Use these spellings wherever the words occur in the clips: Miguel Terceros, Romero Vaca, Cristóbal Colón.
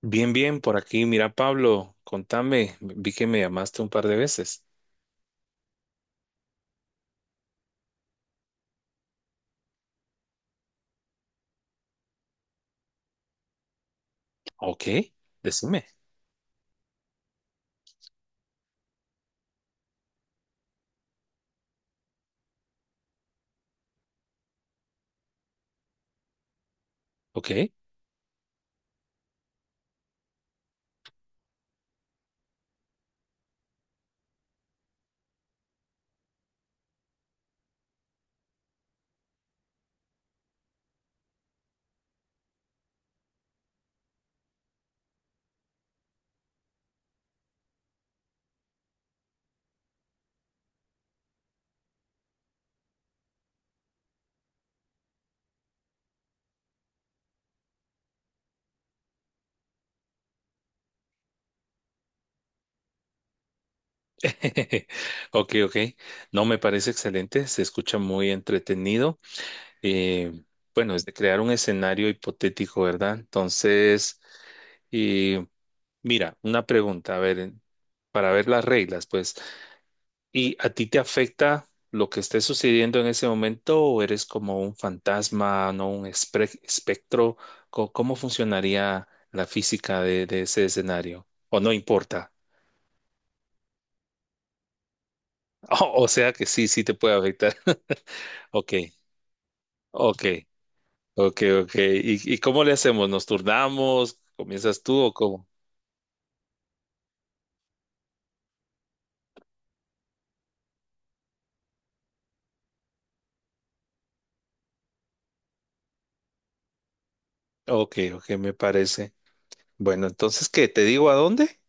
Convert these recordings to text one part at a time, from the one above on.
Bien, bien, por aquí. Mira, Pablo, contame. Vi que me llamaste un par de veces. Ok, decime. Ok, ok, ok. No, me parece excelente. Se escucha muy entretenido. Eh, bueno, es de crear un escenario hipotético, ¿verdad? Entonces, y mira, una pregunta, a ver, para ver las reglas, pues. ¿Y a ti te afecta lo que esté sucediendo en ese momento o eres como un fantasma, no un espectro? ¿Cómo funcionaría la física de ese escenario? ¿O no importa? O sea que sí, sí te puede afectar. Ok, ok, ok, ok. ¿Y cómo le hacemos? ¿Nos turnamos? ¿Comienzas tú o cómo? Ok, ok, me parece. Bueno, entonces, ¿qué? ¿Te digo a dónde?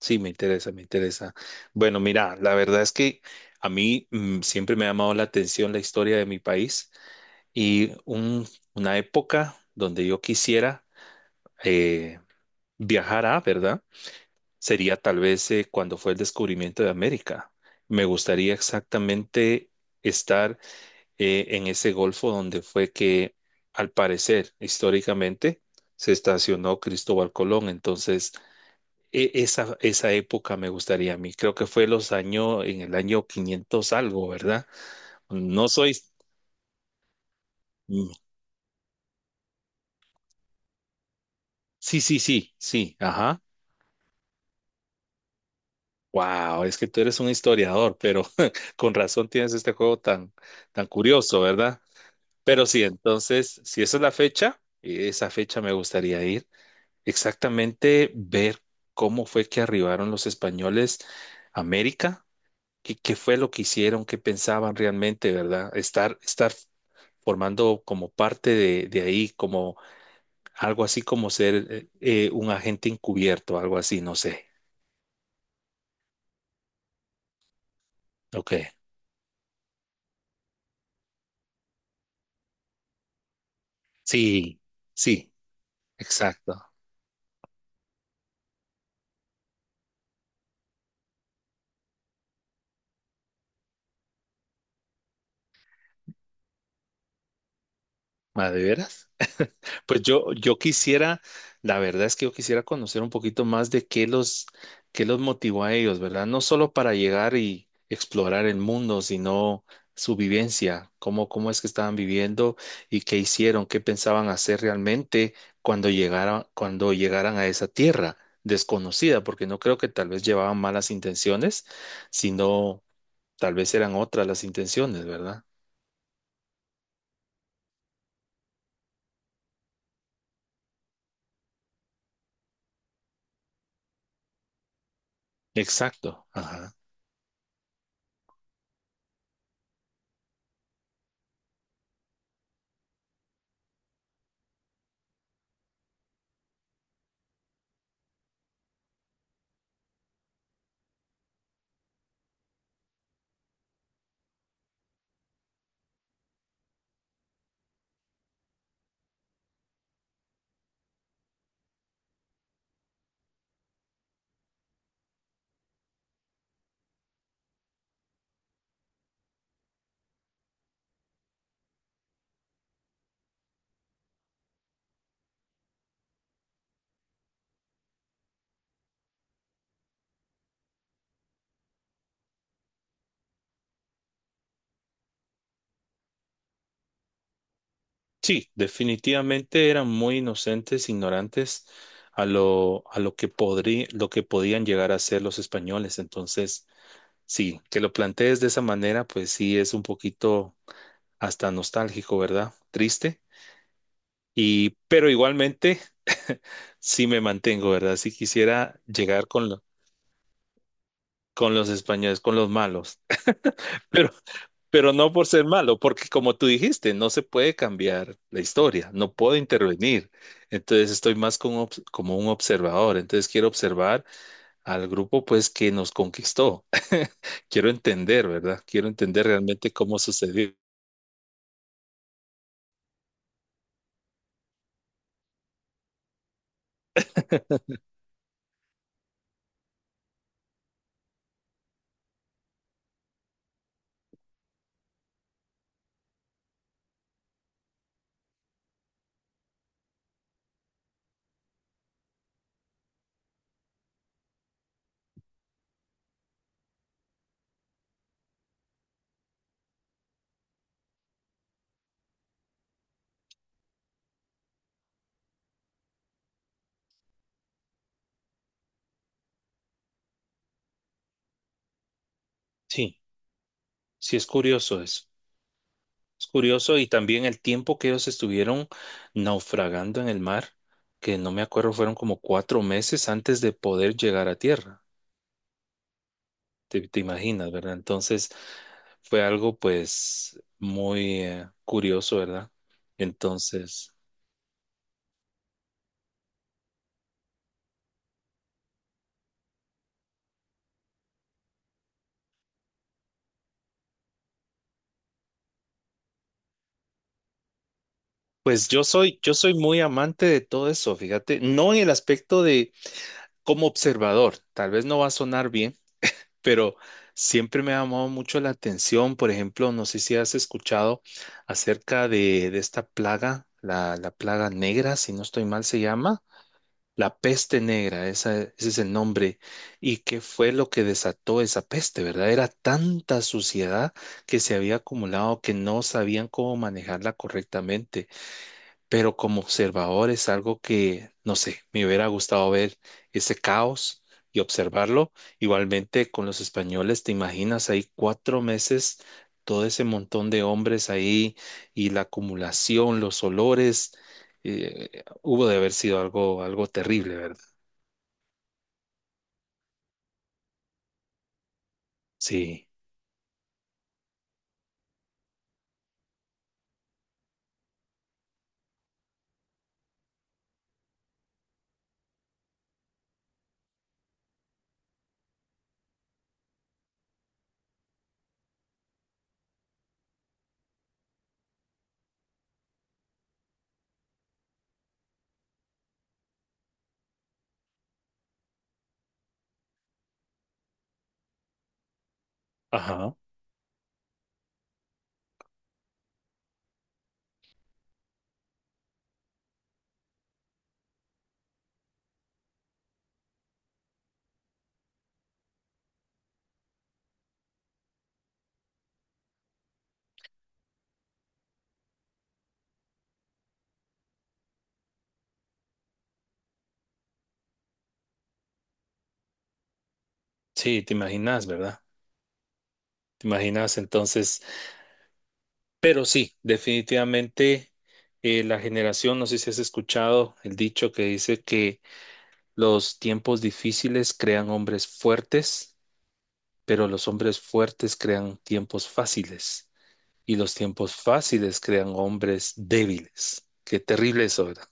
Sí, me interesa, me interesa. Bueno, mira, la verdad es que a mí siempre me ha llamado la atención la historia de mi país y una época donde yo quisiera eh, viajar a, ¿verdad? Sería tal vez cuando fue el descubrimiento de América. Me gustaría exactamente estar en ese golfo donde fue que, al parecer, históricamente, se estacionó Cristóbal Colón. Entonces, esa época me gustaría a mí. Creo que fue los años, en el año 500 algo, ¿verdad? No soy. mm, Sí, sí, sí, sí, ajá. Wow, es que tú eres un historiador, pero con razón tienes este juego tan, curioso, ¿verdad? Pero sí, entonces, si esa es la fecha, esa fecha me gustaría ir. Exactamente ver cómo fue que arribaron los españoles a América. ¿Qué fue lo que hicieron, qué pensaban realmente, ¿verdad? Estar formando como parte de ahí, como algo así como ser un agente encubierto, algo así, no sé. Ok. Sí, sí, exacto. Ah, ¿de veras? Pues yo quisiera, la verdad es que yo quisiera conocer un poquito más de qué los motivó a ellos, ¿verdad? No solo para llegar y explorar el mundo, sino su vivencia, cómo es que estaban viviendo y qué hicieron, qué pensaban hacer realmente cuando llegaran a esa tierra desconocida, porque no creo que tal vez llevaban malas intenciones, sino tal vez eran otras las intenciones, ¿verdad? Exacto. Ajá. Sí, definitivamente eran muy inocentes, ignorantes a lo que podían llegar a ser los españoles. Entonces, sí, que lo plantees de esa manera, pues sí es un poquito hasta nostálgico, ¿verdad? Triste. Pero igualmente, sí me mantengo, ¿verdad? Si quisiera llegar con los españoles, con los malos. pero. Pero no por ser malo, porque como tú dijiste, no se puede cambiar la historia, no puedo intervenir. Entonces estoy más como un observador. Entonces quiero observar al grupo pues que nos conquistó. Quiero entender, ¿verdad? Quiero entender realmente cómo sucedió. Sí, sí es curioso eso. Es curioso y también el tiempo que ellos estuvieron naufragando en el mar, que no me acuerdo, fueron como 4 meses antes de poder llegar a tierra. Te imaginas, ¿verdad? Entonces fue algo pues muy curioso, ¿verdad? Entonces, pues yo soy muy amante de todo eso, fíjate, no en el aspecto de como observador, tal vez no va a sonar bien, pero siempre me ha llamado mucho la atención, por ejemplo, no sé si has escuchado acerca de esta plaga, la plaga negra, si no estoy mal se llama. La peste negra, ese es el nombre. ¿Y qué fue lo que desató esa peste, verdad? Era tanta suciedad que se había acumulado que no sabían cómo manejarla correctamente. Pero como observador es algo que, no sé, me hubiera gustado ver ese caos y observarlo. Igualmente con los españoles, ¿te imaginas ahí 4 meses? Todo ese montón de hombres ahí y la acumulación, los olores, hubo de haber sido algo, algo terrible, ¿verdad? Sí, ajá, sí, te, imaginas, ¿verdad? Te imaginas entonces, pero sí, definitivamente la generación, no sé si has escuchado el dicho que dice que los tiempos difíciles crean hombres fuertes, pero los hombres fuertes crean tiempos fáciles y los tiempos fáciles crean hombres débiles. Qué terrible eso, ¿verdad?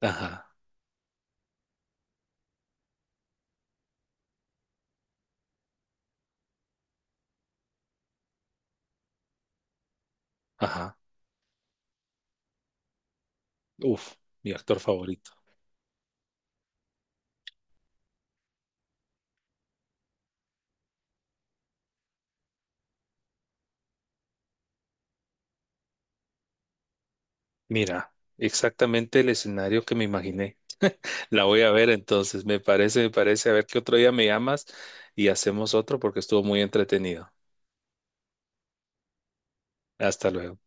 Ajá, ajá, uf, mi actor favorito. Mira, exactamente el escenario que me imaginé. La voy a ver entonces, me parece, me parece. A ver qué otro día me llamas y hacemos otro porque estuvo muy entretenido. Hasta luego.